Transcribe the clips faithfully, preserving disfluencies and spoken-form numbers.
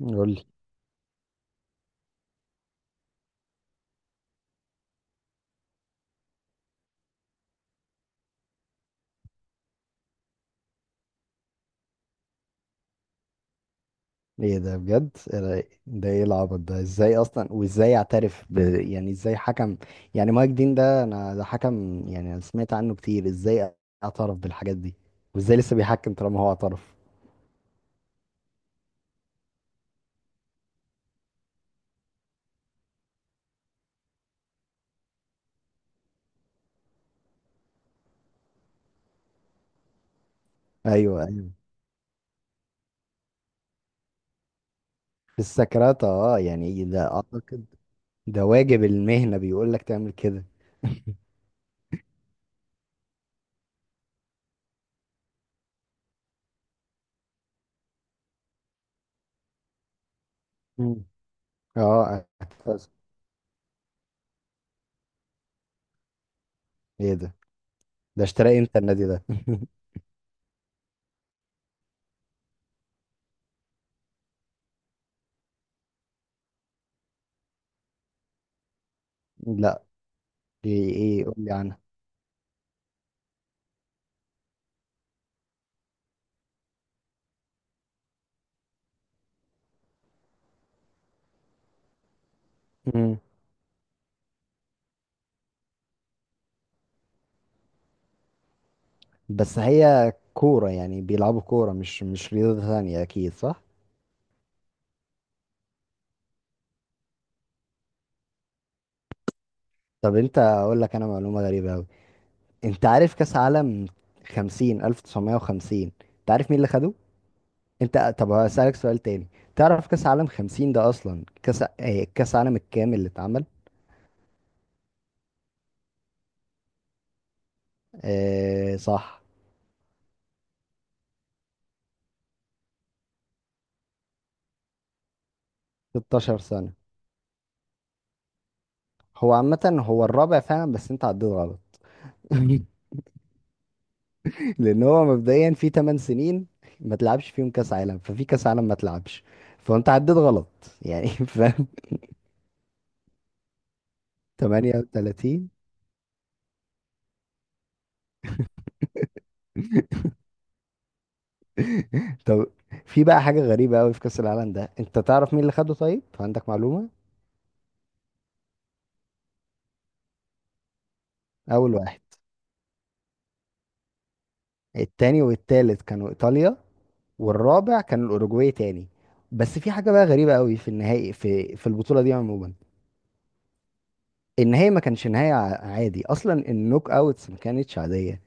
قول لي. ايه ده بجد؟ إيه ده ده ايه العبط ده؟ ازاي اصلا؟ وازاي اعترف ب... يعني ازاي حكم؟ يعني مايك دين ده، انا ده حكم، يعني انا سمعت عنه كتير. ازاي اعترف بالحاجات دي؟ وازاي لسه بيحكم طالما هو اعترف؟ ايوه، ايوه. في السكرات، اه يعني ده اعتقد. ده واجب المهنة، بيقول لك تعمل كده. مم. اه، اعتقد. ايه ده؟ ده اشترى امتى النادي ده؟ لا، ايه ايه؟ قول لي. عنها. بس هي كورة، يعني بيلعبوا كورة مش مش رياضة ثانية، أكيد صح؟ طب أنت أقول لك أنا معلومة غريبة أوي. أنت عارف كأس عالم خمسين، ألف تسعمية وخمسين؟ أنت عارف مين اللي خده؟ أنت، طب هسألك سؤال تاني. تعرف كأس عالم خمسين ده أصلا كأس آه، كأس عالم الكامل اللي اتعمل؟ آه صح. ستاشر سنة. هو عامة هو الرابع فعلا، بس أنت عديت غلط. لان هو مبدئيا في تمن سنين ما تلعبش فيهم كاس عالم، ففي كاس عالم ما تلعبش، فانت عديت غلط يعني. فاهم؟ تمنية وتلاتين. طب في بقى حاجه غريبه قوي في كاس العالم ده، انت تعرف مين اللي خده؟ طيب عندك معلومه؟ اول واحد. التاني والتالت كانوا ايطاليا، والرابع كان الاوروجواي تاني. بس في حاجه بقى غريبه قوي في النهائي، في في البطوله دي عموما. النهاية ما كانش نهاية ع- عادي أصلا. النوك أوتس ما كانتش عادية.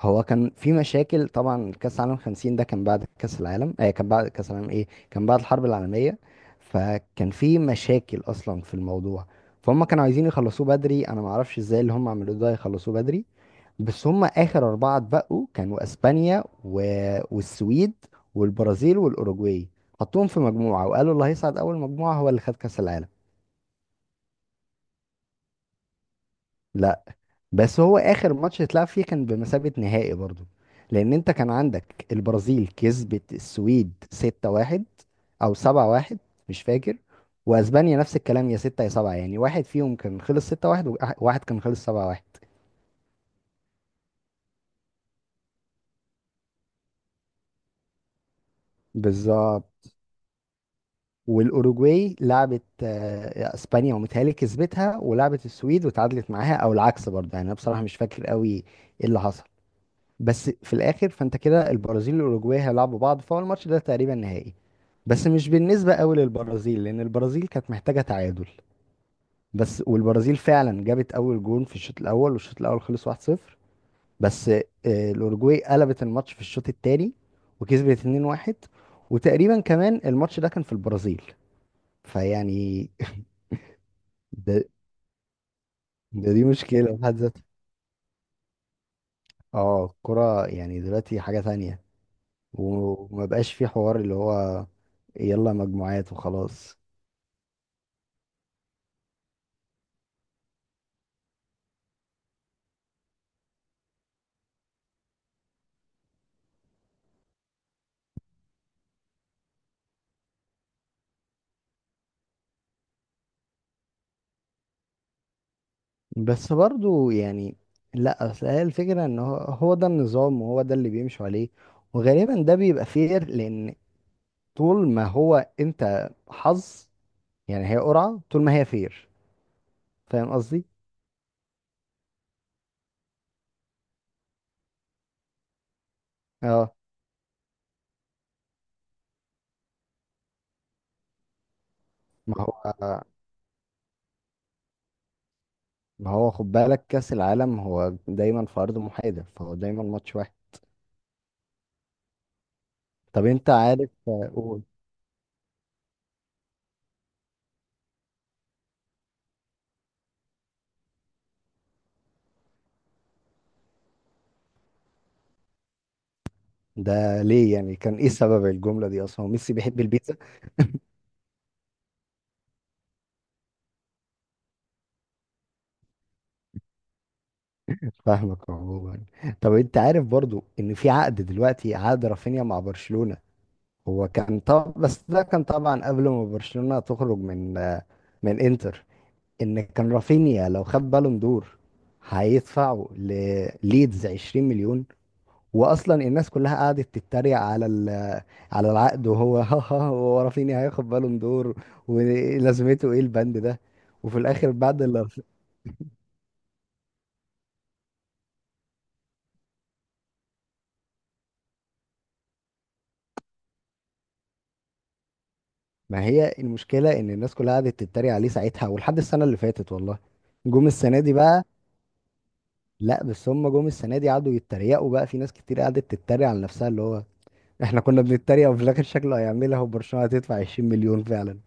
هو كان في مشاكل طبعا. كأس العالم خمسين ده كان بعد كأس العالم، آه كان بعد كأس العالم، إيه، كان بعد الحرب العالمية. فكان في مشاكل أصلا في الموضوع. فهم كانوا عايزين يخلصوه بدري. أنا معرفش إزاي اللي هم عملوه ده يخلصوه بدري. بس هم آخر أربعة اتبقوا كانوا أسبانيا و... والسويد والبرازيل والأوروجواي. حطوهم في مجموعة وقالوا اللي هيصعد أول مجموعة هو اللي خد كأس العالم. بس هو اخر ماتش اتلعب فيه كان بمثابة نهائي برضو. لان انت كان عندك البرازيل كسبت السويد ستة واحد او سبعة واحد، مش فاكر. واسبانيا نفس الكلام، يا ستة يا سبعة يعني، واحد فيهم كان خلص ستة واحد، وواحد كان خلص سبعة واحد. بالظبط. والاوروجواي لعبت آه، اسبانيا، ومتهيألي كسبتها، ولعبت السويد وتعادلت معاها، او العكس برضه، يعني انا بصراحة مش فاكر قوي ايه اللي حصل. بس في الاخر فانت كده البرازيل والاوروجواي هيلعبوا بعض، فهو الماتش ده تقريبا نهائي. بس مش بالنسبه قوي للبرازيل، لان البرازيل كانت محتاجه تعادل. بس والبرازيل فعلا جابت اول جون في الشوط الاول، والشوط الاول خلص واحد صفر. بس آه، الاوروجواي قلبت الماتش في الشوط الثاني وكسبت اتنين واحد. وتقريبا كمان الماتش ده كان في البرازيل، فيعني ده, ده دي مشكله في حد ذاتها. اه، الكره يعني دلوقتي حاجه تانية. وما بقاش في حوار اللي هو يلا مجموعات وخلاص. بس برضو يعني، لا اصل هي الفكره ان هو هو ده النظام، وهو ده اللي بيمشوا عليه، وغالبا ده بيبقى فير. لان طول ما هو، انت حظ، يعني هي قرعه، طول ما هي فير. فاهم قصدي؟ اه. ما هو ما هو خد بالك كاس العالم هو دايما في ارض محايده، فهو دايما ماتش واحد. طب انت عارف، قول. ده ليه يعني، كان ايه سبب الجمله دي اصلا؟ هو ميسي بيحب البيتزا؟ فاهمك عموما. طب انت عارف برضو ان في عقد دلوقتي، عقد رافينيا مع برشلونة؟ هو كان، طب بس ده كان طبعا قبل ما برشلونة تخرج من آه، من انتر، ان كان رافينيا لو خد بالون دور هيدفعوا لليدز عشرين مليون. واصلا الناس كلها قعدت تتريق على ال- على العقد، وهو ها ها. هو رافينيا هياخد بالون دور؟ ولازمته ايه البند ده؟ وفي الاخر بعد اللي، ما هي المشكلة إن الناس كلها قعدت تتريق عليه ساعتها ولحد السنة اللي فاتت، والله. جم السنة دي بقى. لا، بس هم جم السنة دي قعدوا يتريقوا بقى، في ناس كتير قعدت تتريق على نفسها، اللي هو إحنا كنا بنتريق وفي الآخر شكله هيعملها، وبرشلونة هتدفع عشرين مليون فعلا.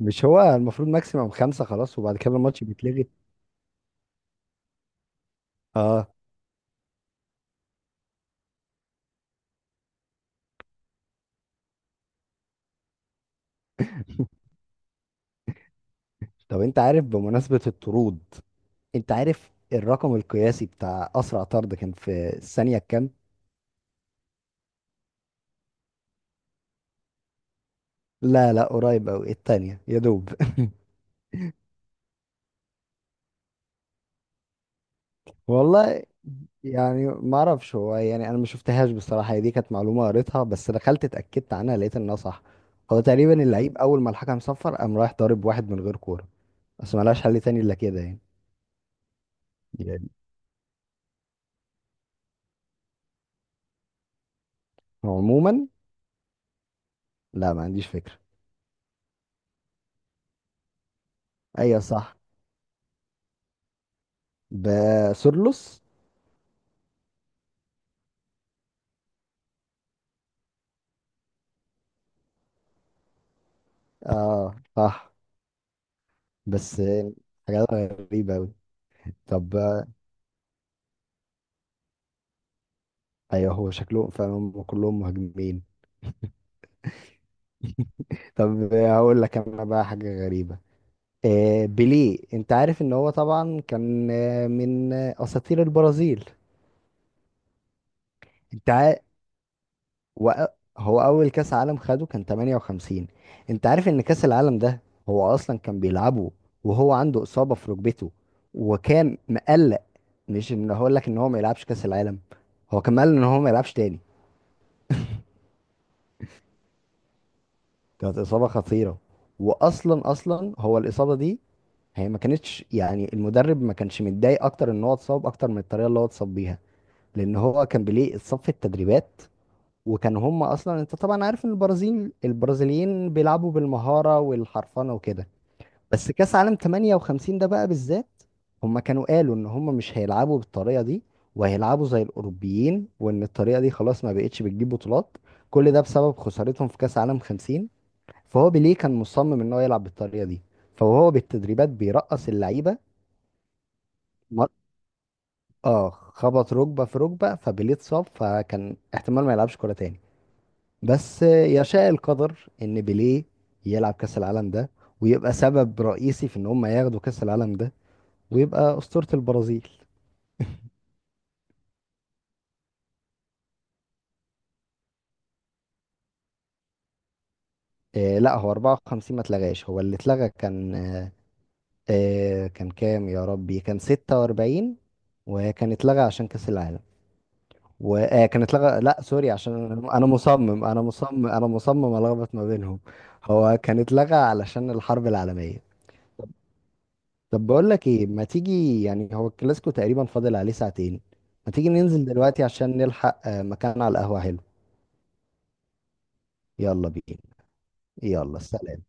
مش هو المفروض ماكسيموم خمسة خلاص، وبعد كده الماتش بيتلغي؟ آه. طب أنت عارف بمناسبة الطرود، أنت عارف الرقم القياسي بتاع أسرع طرد كان في الثانية كام؟ لا، لا، قريب أوي، التانية يا دوب. والله يعني ما اعرفش. هو يعني انا ما شفتهاش بصراحه، هي دي كانت معلومه قريتها، بس دخلت اتاكدت عنها لقيت انها صح. هو تقريبا اللعيب اول ما الحكم صفر قام رايح ضارب واحد من غير كوره. بس ما لهاش حل تاني الا كده يعني. يعني هو عموما. لا، ما عنديش فكره. ايوه صح، بسورلوس. اه صح. بس حاجات غريبه قوي. طب، آه، ايوه، هو شكلهم فعلا هم كلهم مهاجمين. طب، آه، هقول لك انا بقى حاجه غريبه. آه، بيليه، انت عارف ان هو طبعا كان آه، من آه، اساطير البرازيل. انت عا... وأ- هو اول كاس عالم خده كان تمنية وخمسين. انت عارف ان كاس العالم ده هو اصلا كان بيلعبه وهو عنده اصابة في ركبته، وكان مقلق. مش ان هقول لك ان هو ما يلعبش كاس العالم، هو كان مقلق ان هو ما يلعبش تاني. كانت اصابة خطيرة. واصلا اصلا هو الاصابة دي، هي ما كانتش، يعني المدرب ما كانش متضايق اكتر ان هو اتصاب اكتر من الطريقة اللي هو اتصاب بيها. لان هو كان بيليه صف التدريبات، وكان هم اصلا، انت طبعا عارف ان البرازيل البرازيليين بيلعبوا بالمهاره والحرفنه وكده. بس كاس عالم تمنية وخمسين ده بقى بالذات، هم كانوا قالوا ان هم مش هيلعبوا بالطريقه دي، وهيلعبوا زي الاوروبيين، وان الطريقه دي خلاص ما بقتش بتجيب بطولات. كل ده بسبب خسارتهم في كاس عالم خمسين. فهو بيليه كان مصمم ان هو يلعب بالطريقه دي، فهو بالتدريبات بيرقص اللعيبه. مر- اه، خبط ركبه في ركبه فبيليه اتصاب، فكان احتمال ما يلعبش كوره تاني. بس يشاء القدر ان بيليه يلعب كاس العالم ده ويبقى سبب رئيسي في ان هم ياخدوا كاس العالم ده، ويبقى اسطورة البرازيل. آه لا، هو اربعة وخمسين ما اتلغاش. هو اللي اتلغى كان آه آه كان كام يا ربي؟ كان ستة واربعين. وكان اتلغى عشان كاس العالم، وكان اتلغى، لا سوري، عشان انا أنا مصمم، انا مصمم انا مصمم الخبط ما بينهم. هو كان اتلغى علشان الحرب العالمية. طب بقول لك ايه، ما تيجي، يعني هو الكلاسيكو تقريبا فاضل عليه ساعتين، ما تيجي ننزل دلوقتي عشان نلحق آه، مكان على القهوة حلو. يلا بينا. يلا سلام.